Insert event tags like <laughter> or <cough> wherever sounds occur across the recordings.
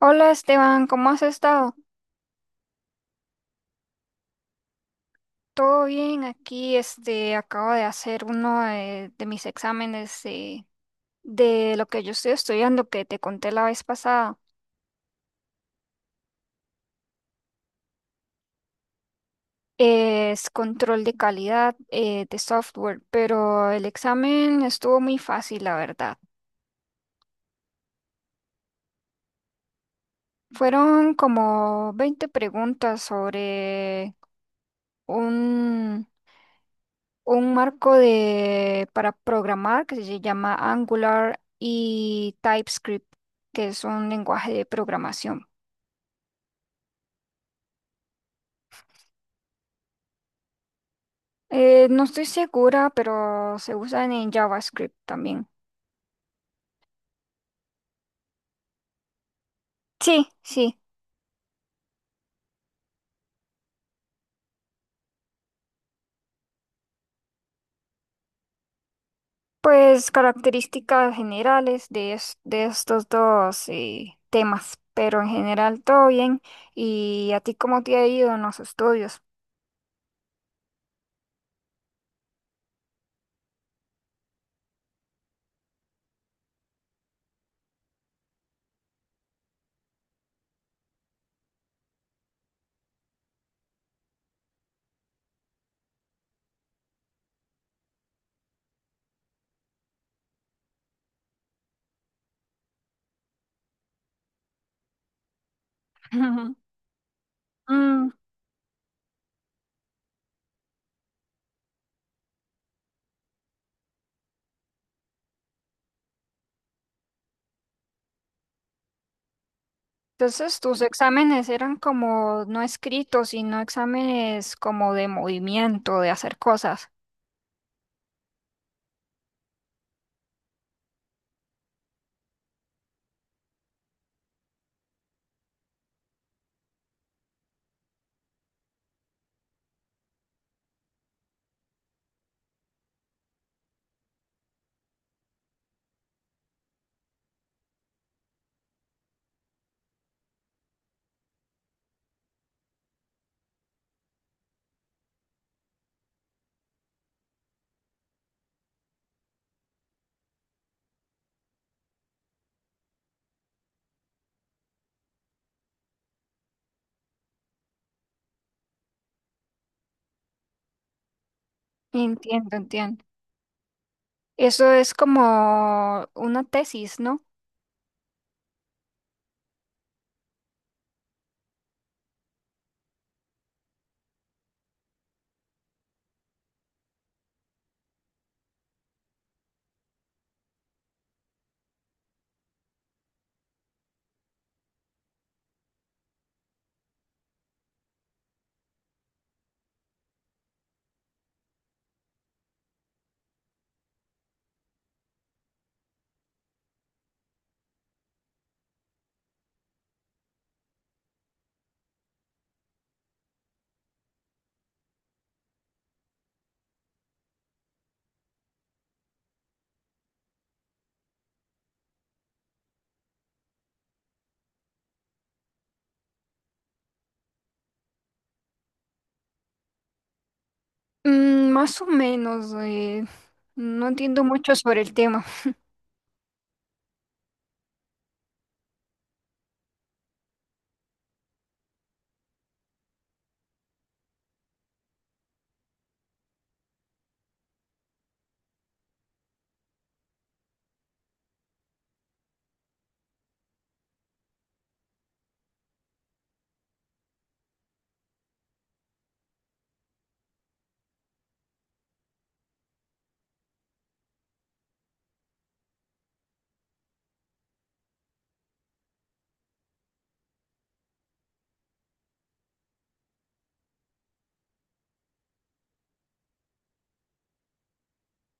Hola Esteban, ¿cómo has estado? Todo bien, aquí este acabo de hacer uno de mis exámenes de lo que yo estoy estudiando que te conté la vez pasada. Es control de calidad de software, pero el examen estuvo muy fácil, la verdad. Fueron como 20 preguntas sobre un marco para programar que se llama Angular y TypeScript, que es un lenguaje de programación. No estoy segura, pero se usan en JavaScript también. Sí, sí. Pues características generales de, de estos dos temas, pero en general todo bien. ¿Y a ti cómo te ha ido en los estudios? <laughs> Mm, entonces, tus exámenes eran como no escritos, sino exámenes como de movimiento, de hacer cosas. Entiendo, entiendo. Eso es como una tesis, ¿no? Mm, más o menos. No entiendo mucho sobre el tema.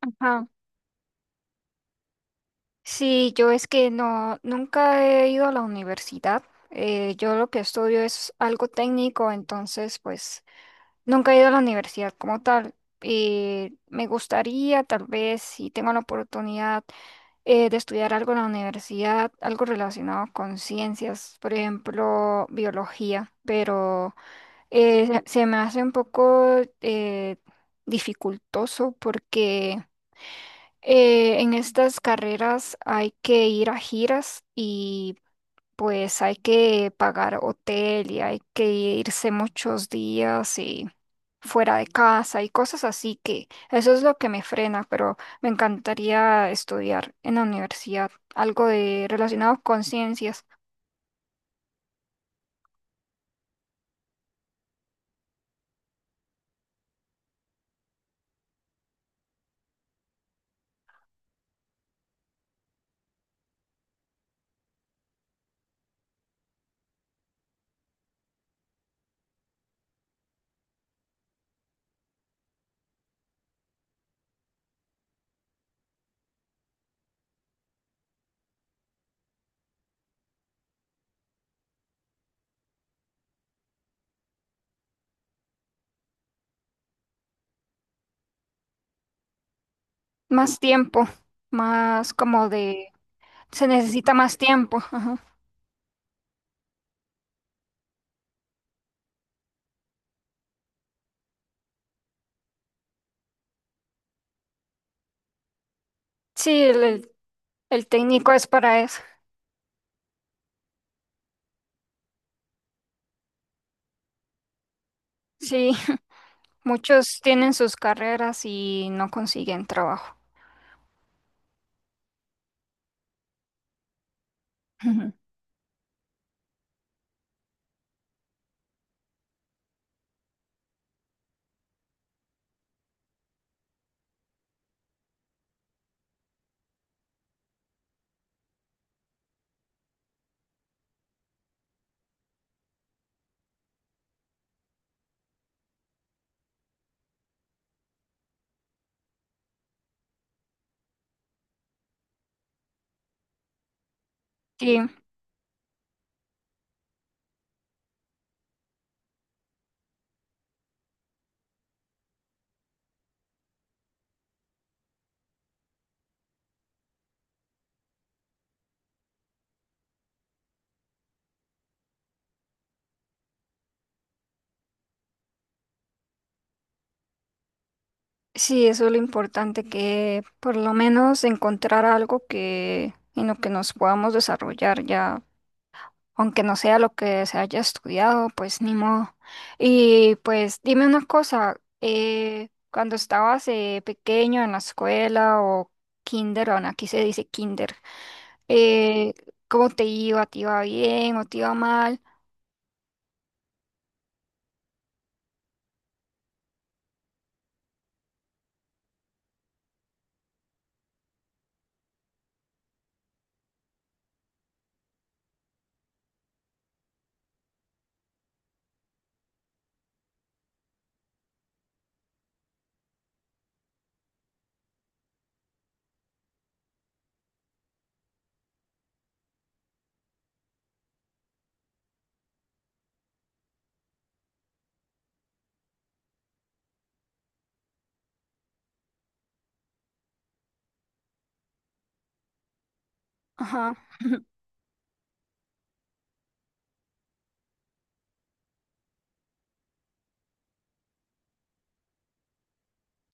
Ajá. Sí, yo es que nunca he ido a la universidad. Yo lo que estudio es algo técnico, entonces, pues nunca he ido a la universidad como tal. Me gustaría, tal vez, si tengo la oportunidad de estudiar algo en la universidad, algo relacionado con ciencias, por ejemplo, biología, pero se me hace un poco dificultoso porque en estas carreras hay que ir a giras y pues hay que pagar hotel y hay que irse muchos días y fuera de casa y cosas así que eso es lo que me frena, pero me encantaría estudiar en la universidad algo de relacionado con ciencias, más tiempo, más como de se necesita más tiempo. Ajá. Sí, el técnico es para eso. Sí, <laughs> muchos tienen sus carreras y no consiguen trabajo. Sí. Sí, eso es lo importante, que por lo menos encontrar algo que en lo que nos podamos desarrollar ya, aunque no sea lo que se haya estudiado, pues ni modo. Y pues dime una cosa, cuando estabas pequeño en la escuela o kinder, bueno, aquí se dice kinder, eh, ¿cómo te iba? ¿Te iba bien o te iba mal?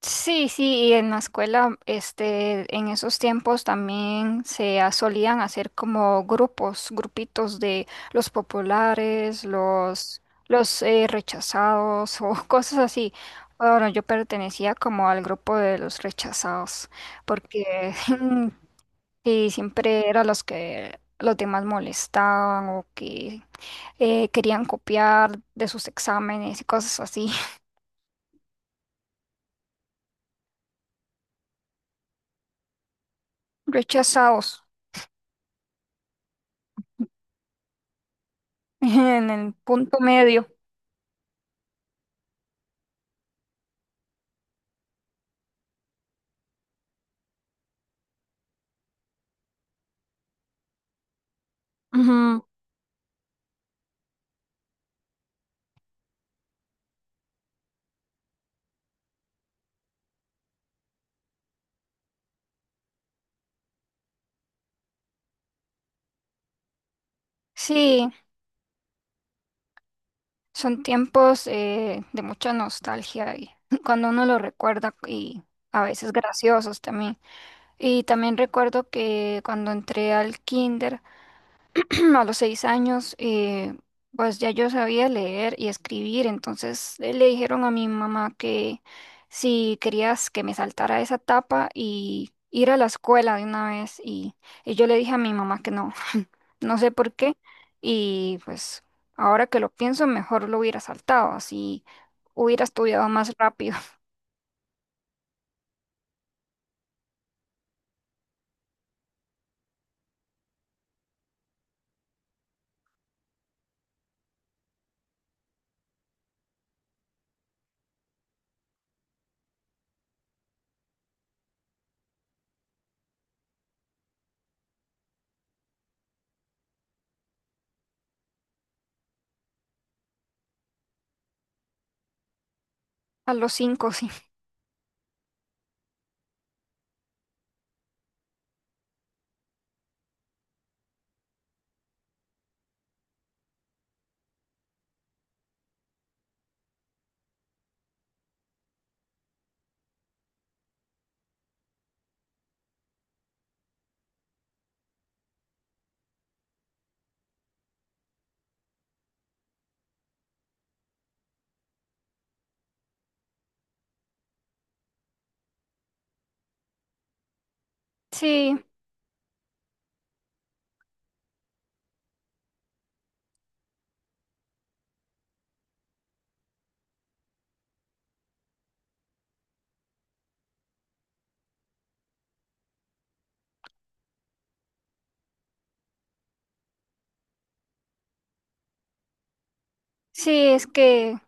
Sí, sí, y en la escuela, este, en esos tiempos también solían hacer como grupos, grupitos de los populares, los rechazados o <laughs> cosas así. Bueno, yo pertenecía como al grupo de los rechazados, porque <laughs> sí, siempre eran los que los demás molestaban o que querían copiar de sus exámenes y cosas así. <laughs> Rechazados. <laughs> En el punto medio. Ujú. Sí, son tiempos de mucha nostalgia y <laughs> cuando uno lo recuerda y a veces graciosos también. Y también recuerdo que cuando entré al kinder, <clears throat> a los 6 años, pues ya yo sabía leer y escribir, entonces le dijeron a mi mamá que si querías que me saltara esa etapa y ir a la escuela de una vez, y yo le dije a mi mamá que no, <laughs> no sé por qué, y pues ahora que lo pienso, mejor lo hubiera saltado, así hubiera estudiado más rápido, <laughs> a los 5, sí. Sí, sí, es que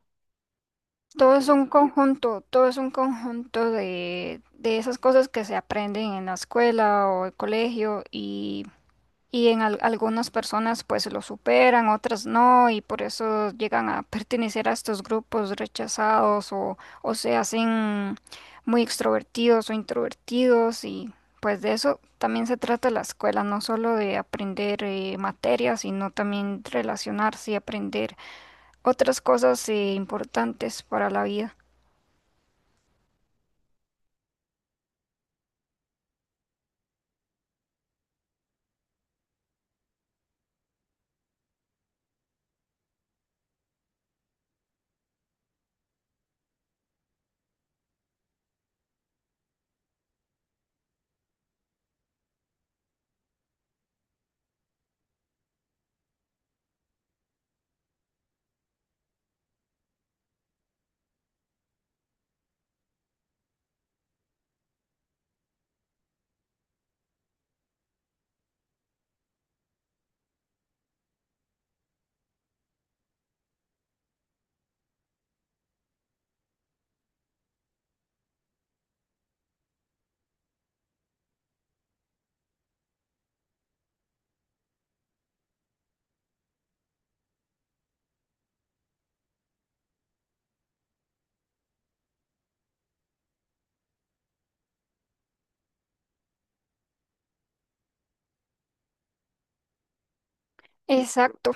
todo es un conjunto, todo es un conjunto de esas cosas que se aprenden en la escuela o el colegio y en algunas personas pues lo superan, otras no y por eso llegan a pertenecer a estos grupos rechazados o se hacen muy extrovertidos o introvertidos y pues de eso también se trata la escuela, no solo de aprender materias, sino también relacionarse y aprender otras cosas importantes para la vida. Exacto.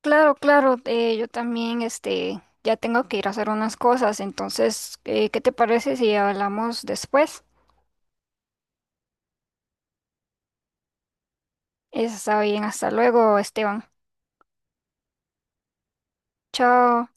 Claro, claro. Yo también, este, ya tengo que ir a hacer unas cosas. Entonces, ¿qué te parece si hablamos después? Está bien, hasta luego, Esteban. Chao.